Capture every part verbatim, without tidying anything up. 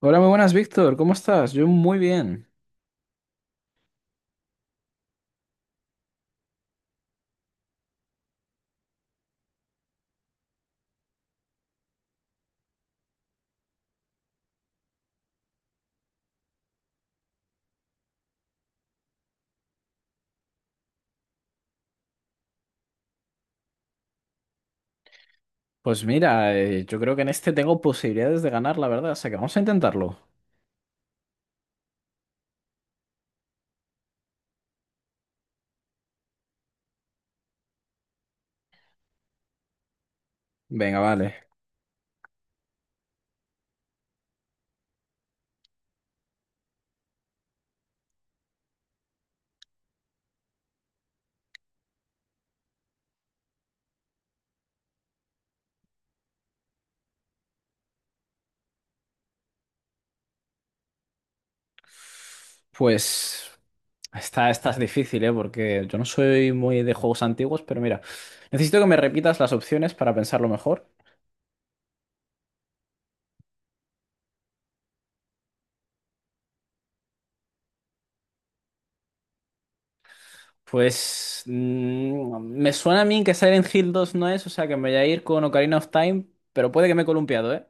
Hola, muy buenas, Víctor. ¿Cómo estás? Yo muy bien. Pues mira, eh, yo creo que en este tengo posibilidades de ganar, la verdad. O sea que vamos a intentarlo. Venga, vale. Pues esta, esta es difícil, ¿eh? Porque yo no soy muy de juegos antiguos, pero mira, necesito que me repitas las opciones para pensarlo mejor. Pues mm, me suena a mí que Silent Hill dos no es, o sea que me voy a ir con Ocarina of Time, pero puede que me he columpiado, ¿eh?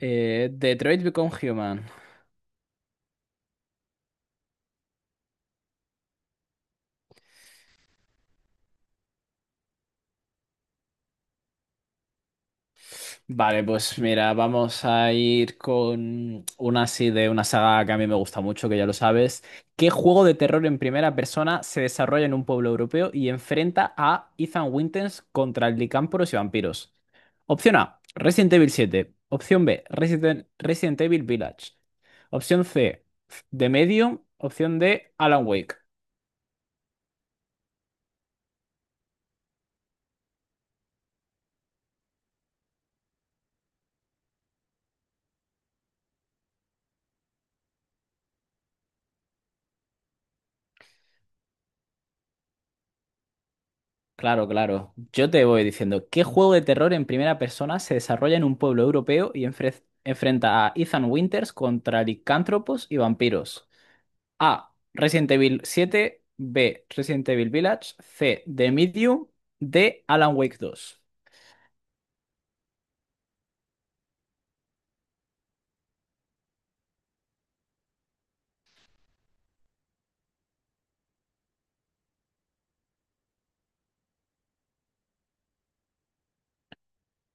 Eh, Detroit Become Human. Vale, pues mira, vamos a ir con una así de una saga que a mí me gusta mucho, que ya lo sabes. ¿Qué juego de terror en primera persona se desarrolla en un pueblo europeo y enfrenta a Ethan Winters contra licámporos y vampiros? Opción A, Resident Evil siete. Opción B, Resident, Resident Evil Village. Opción C, The Medium. Opción D, Alan Wake. Claro, claro. Yo te voy diciendo, ¿qué juego de terror en primera persona se desarrolla en un pueblo europeo y enfre- enfrenta a Ethan Winters contra licántropos y vampiros? A. Resident Evil siete, B. Resident Evil Village, C. The Medium, D. Alan Wake dos.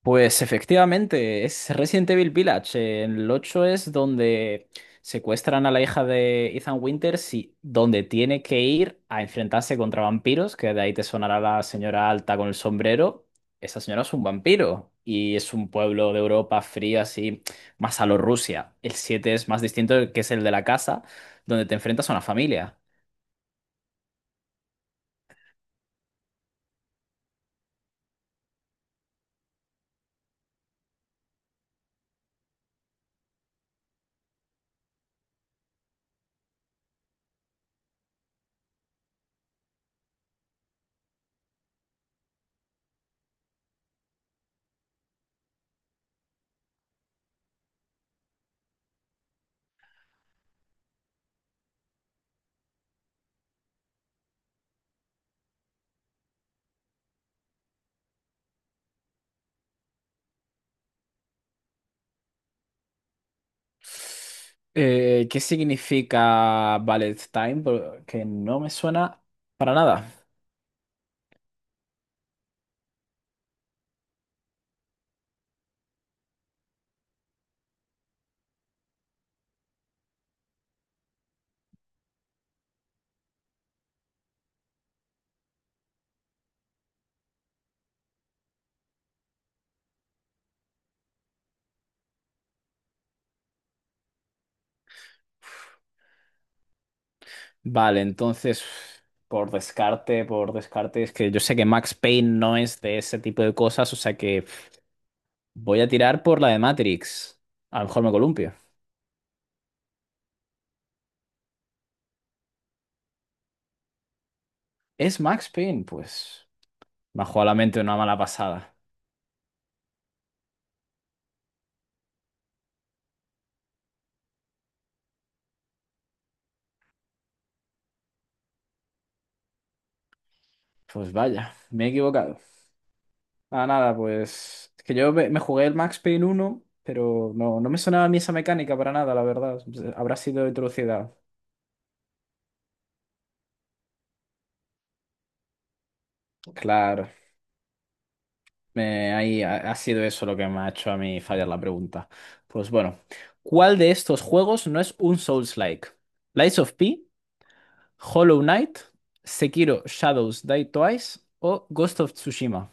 Pues efectivamente, es Resident Evil Village. Eh, En el ocho es donde secuestran a la hija de Ethan Winters y donde tiene que ir a enfrentarse contra vampiros, que de ahí te sonará la señora alta con el sombrero. Esa señora es un vampiro y es un pueblo de Europa fría, así, más a lo Rusia. El siete es más distinto, que es el de la casa, donde te enfrentas a una familia. Eh, ¿qué significa Ballet Time? Porque no me suena para nada. Vale, entonces, por descarte, por descarte, es que yo sé que Max Payne no es de ese tipo de cosas, o sea que voy a tirar por la de Matrix. A lo mejor me columpio. ¿Es Max Payne? Pues me ha jugado la mente una mala pasada. Pues vaya, me he equivocado. Ah, nada, pues es que yo me, me jugué el Max Payne uno, pero no, no me sonaba a mí esa mecánica para nada, la verdad. Habrá sido introducida. Claro. Eh, ahí ha, ha sido eso lo que me ha hecho a mí fallar la pregunta. Pues bueno, ¿cuál de estos juegos no es un Souls-like? ¿Lies of P, Hollow Knight, Sekiro Shadows Die Twice o Ghost of Tsushima?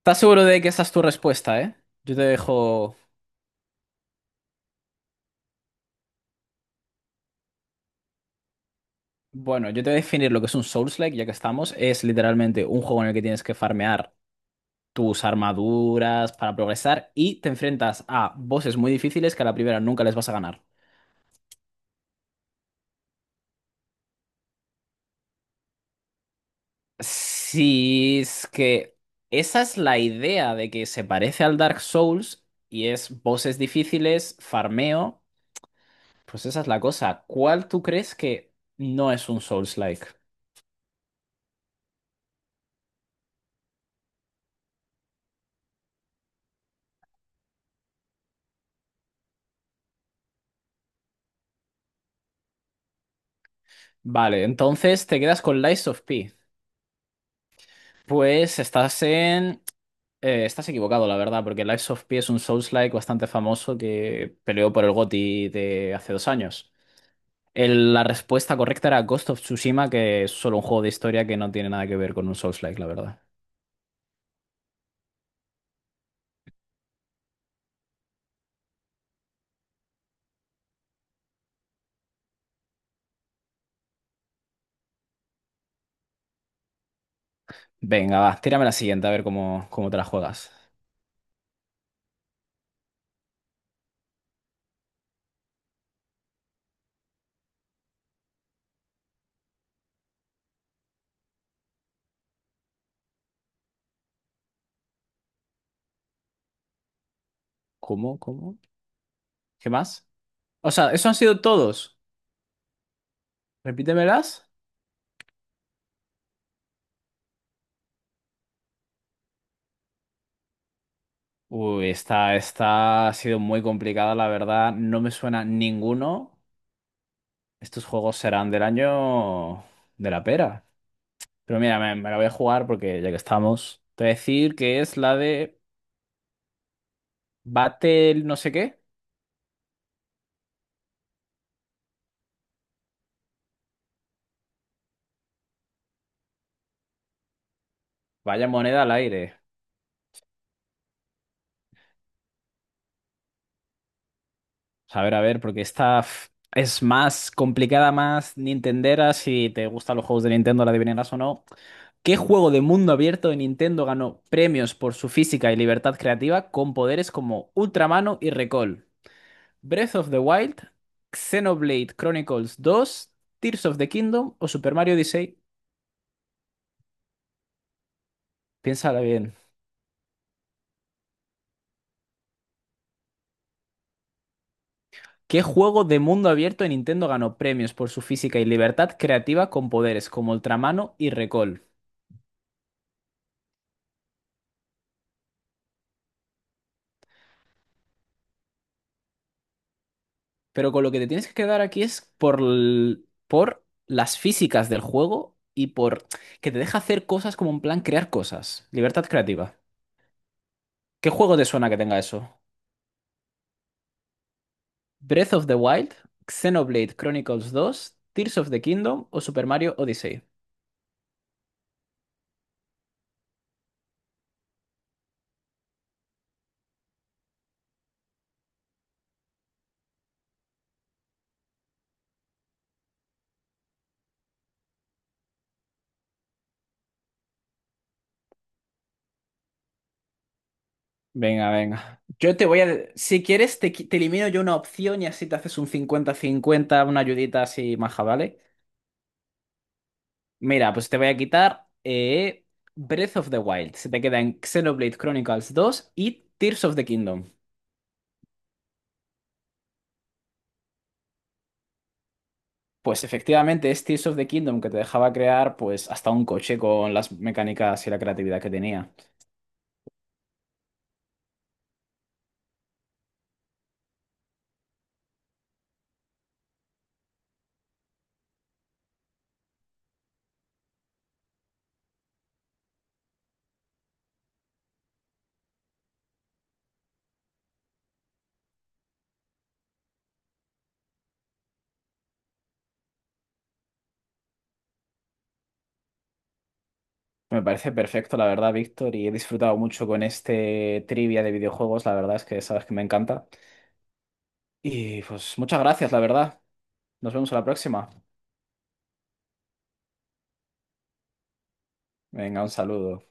¿Estás seguro de que esa es tu respuesta, eh? Yo te dejo... Bueno, yo te voy a definir lo que es un Souls-like, ya que estamos. Es literalmente un juego en el que tienes que farmear tus armaduras para progresar y te enfrentas a bosses muy difíciles que a la primera nunca les vas a ganar. Sí, es que esa es la idea de que se parece al Dark Souls y es voces difíciles, farmeo. Pues esa es la cosa. ¿Cuál tú crees que no es un Souls-like? Vale, entonces te quedas con Lies of P. Pues estás en. eh, estás equivocado, la verdad, porque Lies of P es un Souls-like bastante famoso que peleó por el G O T Y de hace dos años. El- la respuesta correcta era Ghost of Tsushima, que es solo un juego de historia que no tiene nada que ver con un Souls-like, la verdad. Venga, va, tírame la siguiente, a ver cómo, cómo te la juegas. ¿Cómo? ¿Cómo? ¿Qué más? O sea, eso han sido todos. Repítemelas. Uy, esta, esta ha sido muy complicada, la verdad. No me suena ninguno. Estos juegos serán del año de la pera. Pero mira, me, me la voy a jugar porque ya que estamos, te voy a decir que es la de Battle no sé qué. Vaya moneda al aire. A ver, a ver, porque esta f- es más complicada, más nintendera, si te gustan los juegos de Nintendo, la adivinarás o no. ¿Qué juego de mundo abierto de Nintendo ganó premios por su física y libertad creativa con poderes como Ultramano y Recall? ¿Breath of the Wild, Xenoblade Chronicles dos, Tears of the Kingdom o Super Mario Odyssey? Piénsala bien. ¿Qué juego de mundo abierto de Nintendo ganó premios por su física y libertad creativa con poderes como Ultramano y Recall? Pero con lo que te tienes que quedar aquí es por, l- por las físicas del juego y por que te deja hacer cosas como en plan crear cosas. Libertad creativa. ¿Qué juego te suena que tenga eso? Breath of the Wild, Xenoblade Chronicles dos, Tears of the Kingdom o Super Mario Odyssey. Venga, venga. Yo te voy a... Si quieres, te, qui- te elimino yo una opción y así te haces un cincuenta cincuenta, una ayudita así maja, ¿vale? Mira, pues te voy a quitar eh, Breath of the Wild. Se te queda en Xenoblade Chronicles dos y Tears of the Kingdom. Pues efectivamente es Tears of the Kingdom, que te dejaba crear pues hasta un coche con las mecánicas y la creatividad que tenía. Me parece perfecto, la verdad, Víctor, y he disfrutado mucho con este trivia de videojuegos. La verdad es que sabes que me encanta. Y pues muchas gracias, la verdad. Nos vemos a la próxima. Venga, un saludo.